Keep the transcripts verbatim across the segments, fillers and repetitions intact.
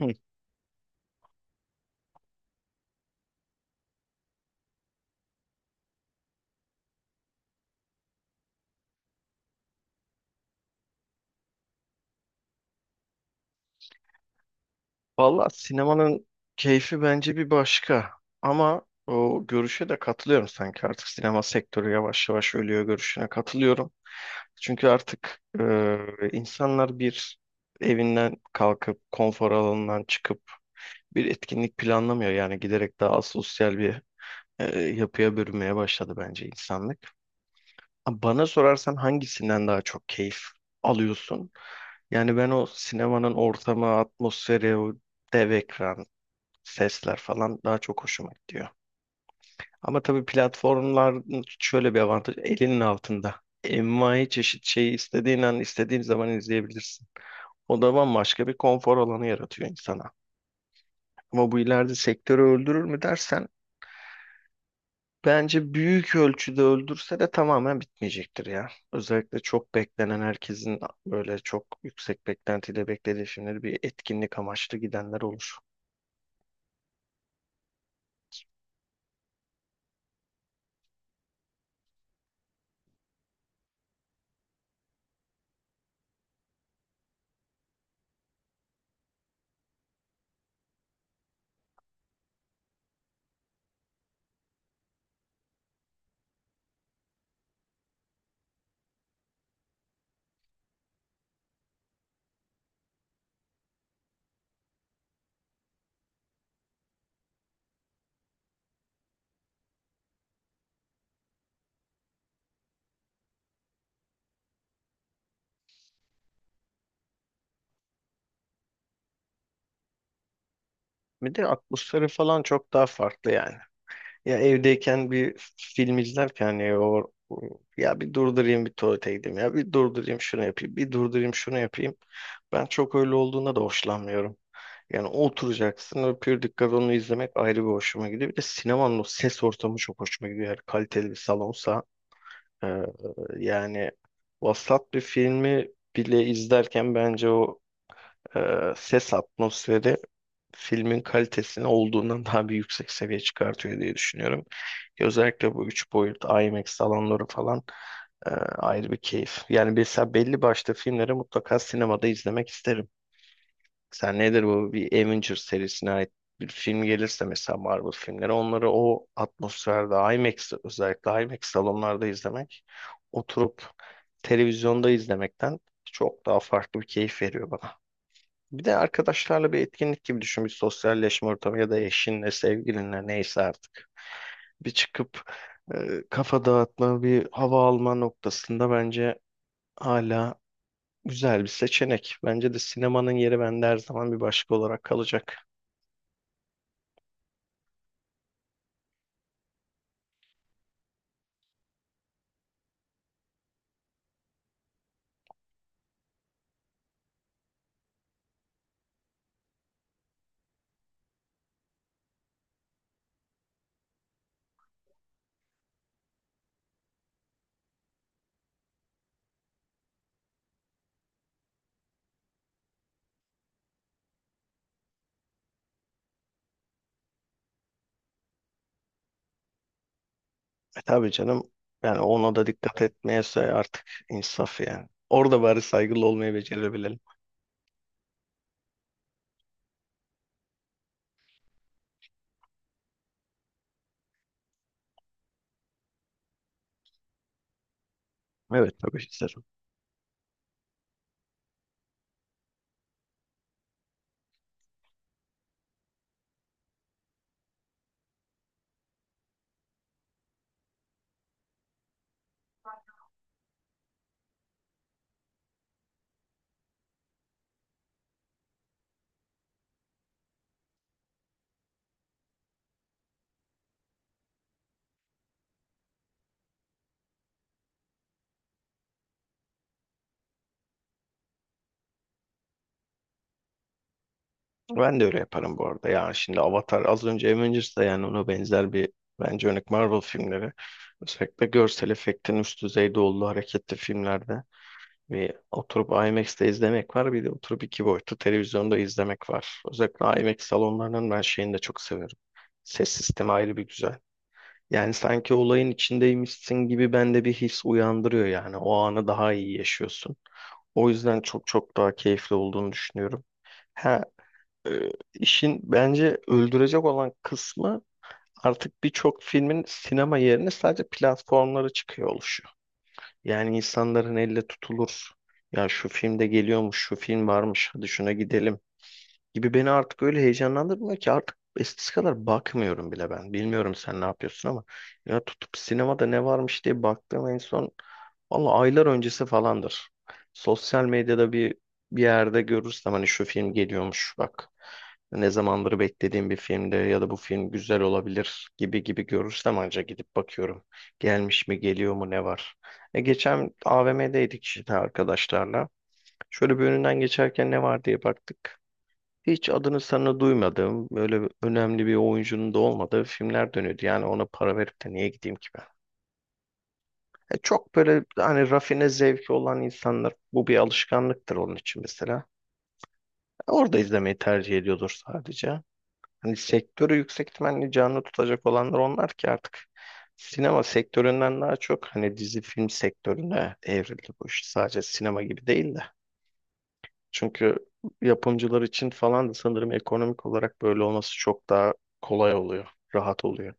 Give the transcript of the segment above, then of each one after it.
Hı. Valla sinemanın keyfi bence bir başka. Ama o görüşe de katılıyorum sanki artık sinema sektörü yavaş yavaş ölüyor görüşüne katılıyorum. Çünkü artık e, insanlar bir evinden kalkıp konfor alanından çıkıp bir etkinlik planlamıyor. Yani giderek daha sosyal bir e, yapıya bürünmeye başladı bence insanlık. Bana sorarsan hangisinden daha çok keyif alıyorsun? Yani ben o sinemanın ortamı, atmosferi, o dev ekran, sesler falan daha çok hoşuma gidiyor. Ama tabii platformlar şöyle bir avantaj, elinin altında. Envai çeşit şeyi istediğin an istediğin zaman izleyebilirsin. O da bambaşka bir konfor alanı yaratıyor insana. Ama bu ileride sektörü öldürür mü dersen bence büyük ölçüde öldürse de tamamen bitmeyecektir ya. Özellikle çok beklenen herkesin böyle çok yüksek beklentiyle beklediği filmleri bir etkinlik amaçlı gidenler olur. Bir de atmosferi falan çok daha farklı yani. Ya evdeyken bir film izlerken hani o ya bir durdurayım bir tuvalete gideyim ya bir durdurayım şunu yapayım bir durdurayım şunu yapayım. Ben çok öyle olduğuna da hoşlanmıyorum. Yani oturacaksın o pür dikkat onu izlemek ayrı bir hoşuma gidiyor. Bir de sinemanın o ses ortamı çok hoşuma gidiyor. Eğer kaliteli bir salonsa e, yani vasat bir filmi bile izlerken bence o e, ses atmosferi filmin kalitesini olduğundan daha bir yüksek seviye çıkartıyor diye düşünüyorum. Ki özellikle bu üç boyut IMAX salonları falan e, ayrı bir keyif. Yani mesela belli başlı filmleri mutlaka sinemada izlemek isterim. Sen nedir bu bir Avengers serisine ait bir film gelirse mesela Marvel filmleri onları o atmosferde IMAX, özellikle IMAX salonlarda izlemek oturup televizyonda izlemekten çok daha farklı bir keyif veriyor bana. Bir de arkadaşlarla bir etkinlik gibi düşün, bir sosyalleşme ortamı ya da eşinle, sevgilinle neyse artık. Bir çıkıp e, kafa dağıtma, bir hava alma noktasında bence hala güzel bir seçenek. Bence de sinemanın yeri bende her zaman bir başka olarak kalacak. E tabii canım, yani ona da dikkat etmeyese artık insaf yani. Orada bari saygılı olmayı becerebilelim. Evet, tabii isterim. Ben de öyle yaparım bu arada. Yani şimdi Avatar az önce Avengers'da yani ona benzer bir bence örnek Marvel filmleri. Özellikle görsel efektin üst düzeyde olduğu hareketli filmlerde bir oturup I M A X'te izlemek var, bir de oturup iki boyutlu televizyonda izlemek var. Özellikle IMAX salonlarının ben şeyini de çok seviyorum. Ses sistemi ayrı bir güzel. Yani sanki olayın içindeymişsin gibi bende bir his uyandırıyor yani. O anı daha iyi yaşıyorsun. O yüzden çok çok daha keyifli olduğunu düşünüyorum. Ha, ee, işin bence öldürecek olan kısmı artık birçok filmin sinema yerine sadece platformlara çıkıyor oluşu. Yani insanların elle tutulur. Ya şu filmde geliyormuş, şu film varmış, hadi şuna gidelim gibi beni artık öyle heyecanlandırmıyor ki artık eskisi kadar bakmıyorum bile ben. Bilmiyorum sen ne yapıyorsun ama ya tutup sinemada ne varmış diye baktığım en son valla aylar öncesi falandır. Sosyal medyada bir bir yerde görürsem hani şu film geliyormuş bak. Ne zamandır beklediğim bir filmde ya da bu film güzel olabilir gibi gibi görürsem anca gidip bakıyorum. Gelmiş mi, geliyor mu, ne var. E geçen A V M'deydik işte arkadaşlarla. Şöyle bir önünden geçerken ne var diye baktık. Hiç adını sanını duymadığım, böyle bir- önemli bir oyuncunun da olmadığı filmler dönüyordu. Yani ona para verip de niye gideyim ki ben? E, çok böyle hani rafine zevki olan insanlar, bu bir alışkanlıktır onun için mesela. E, orada izlemeyi tercih ediyordur sadece. Hani sektörü yüksek ihtimalle canlı tutacak olanlar onlar ki artık sinema sektöründen daha çok hani dizi film sektörüne evrildi bu iş. Sadece sinema gibi değil de. Çünkü yapımcılar için falan da sanırım ekonomik olarak böyle olması çok daha kolay oluyor, rahat oluyor.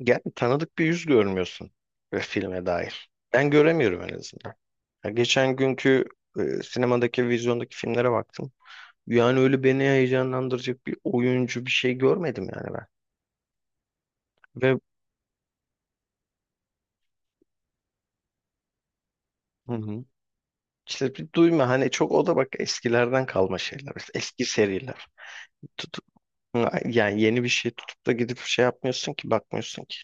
Yani tanıdık bir yüz görmüyorsun ve filme dair. Ben göremiyorum en azından. Ya geçen günkü e, sinemadaki, vizyondaki filmlere baktım. Yani öyle beni heyecanlandıracak bir oyuncu bir şey görmedim yani ben. Ve hı hı. İşte bir duyma hani çok o da bak eskilerden kalma şeyler. Eski seriler. Tutup, yani yeni bir şey tutup da gidip şey yapmıyorsun ki bakmıyorsun ki.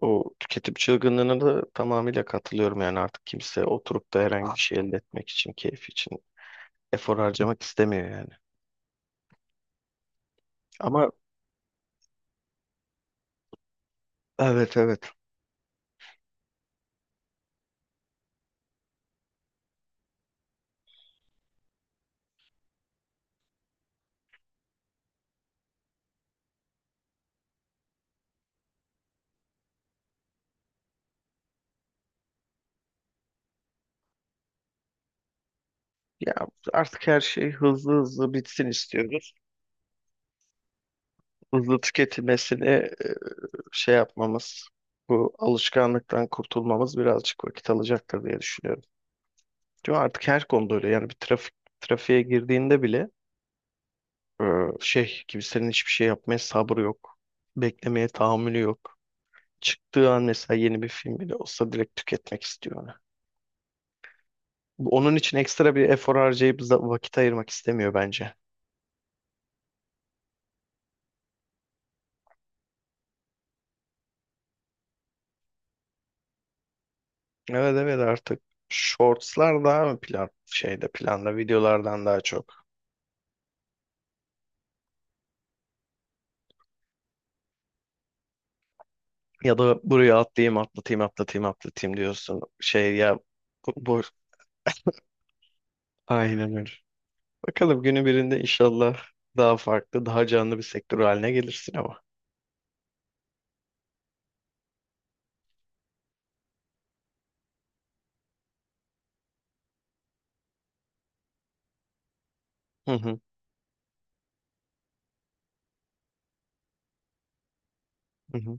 O tüketim çılgınlığına da tamamıyla katılıyorum yani artık kimse oturup da herhangi bir şey elde etmek için, keyif için efor harcamak istemiyor yani. Ama evet, evet. Ya artık her şey hızlı hızlı bitsin istiyoruz. Hızlı tüketilmesini e, şey yapmamız, bu alışkanlıktan kurtulmamız birazcık vakit alacaktır diye düşünüyorum. Çünkü artık her konuda öyle yani bir trafik trafiğe girdiğinde bile e, şey, kimsenin hiçbir şey yapmaya sabrı yok. Beklemeye tahammülü yok. Çıktığı an mesela yeni bir film bile olsa direkt tüketmek istiyor onu. Bu- Onun için ekstra bir efor harcayıp za- vakit ayırmak istemiyor bence. Evet evet, artık shortslar daha mı plan şeyde planda videolardan daha çok. Ya da buraya atlayayım, atlatayım atlatayım atlatayım diyorsun. Şey ya bu, bu- aynen öyle. Bakalım günü birinde inşallah daha farklı, daha canlı bir sektör haline gelirsin ama. Hı hı, hı hı.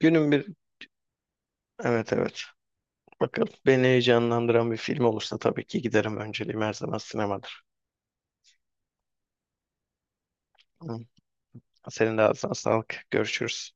Günün bir evet evet. Bakalım beni heyecanlandıran bir film olursa tabii ki giderim. Önceliğim her zaman sinemadır. Hı. Senin de ağzına sağlık. Görüşürüz.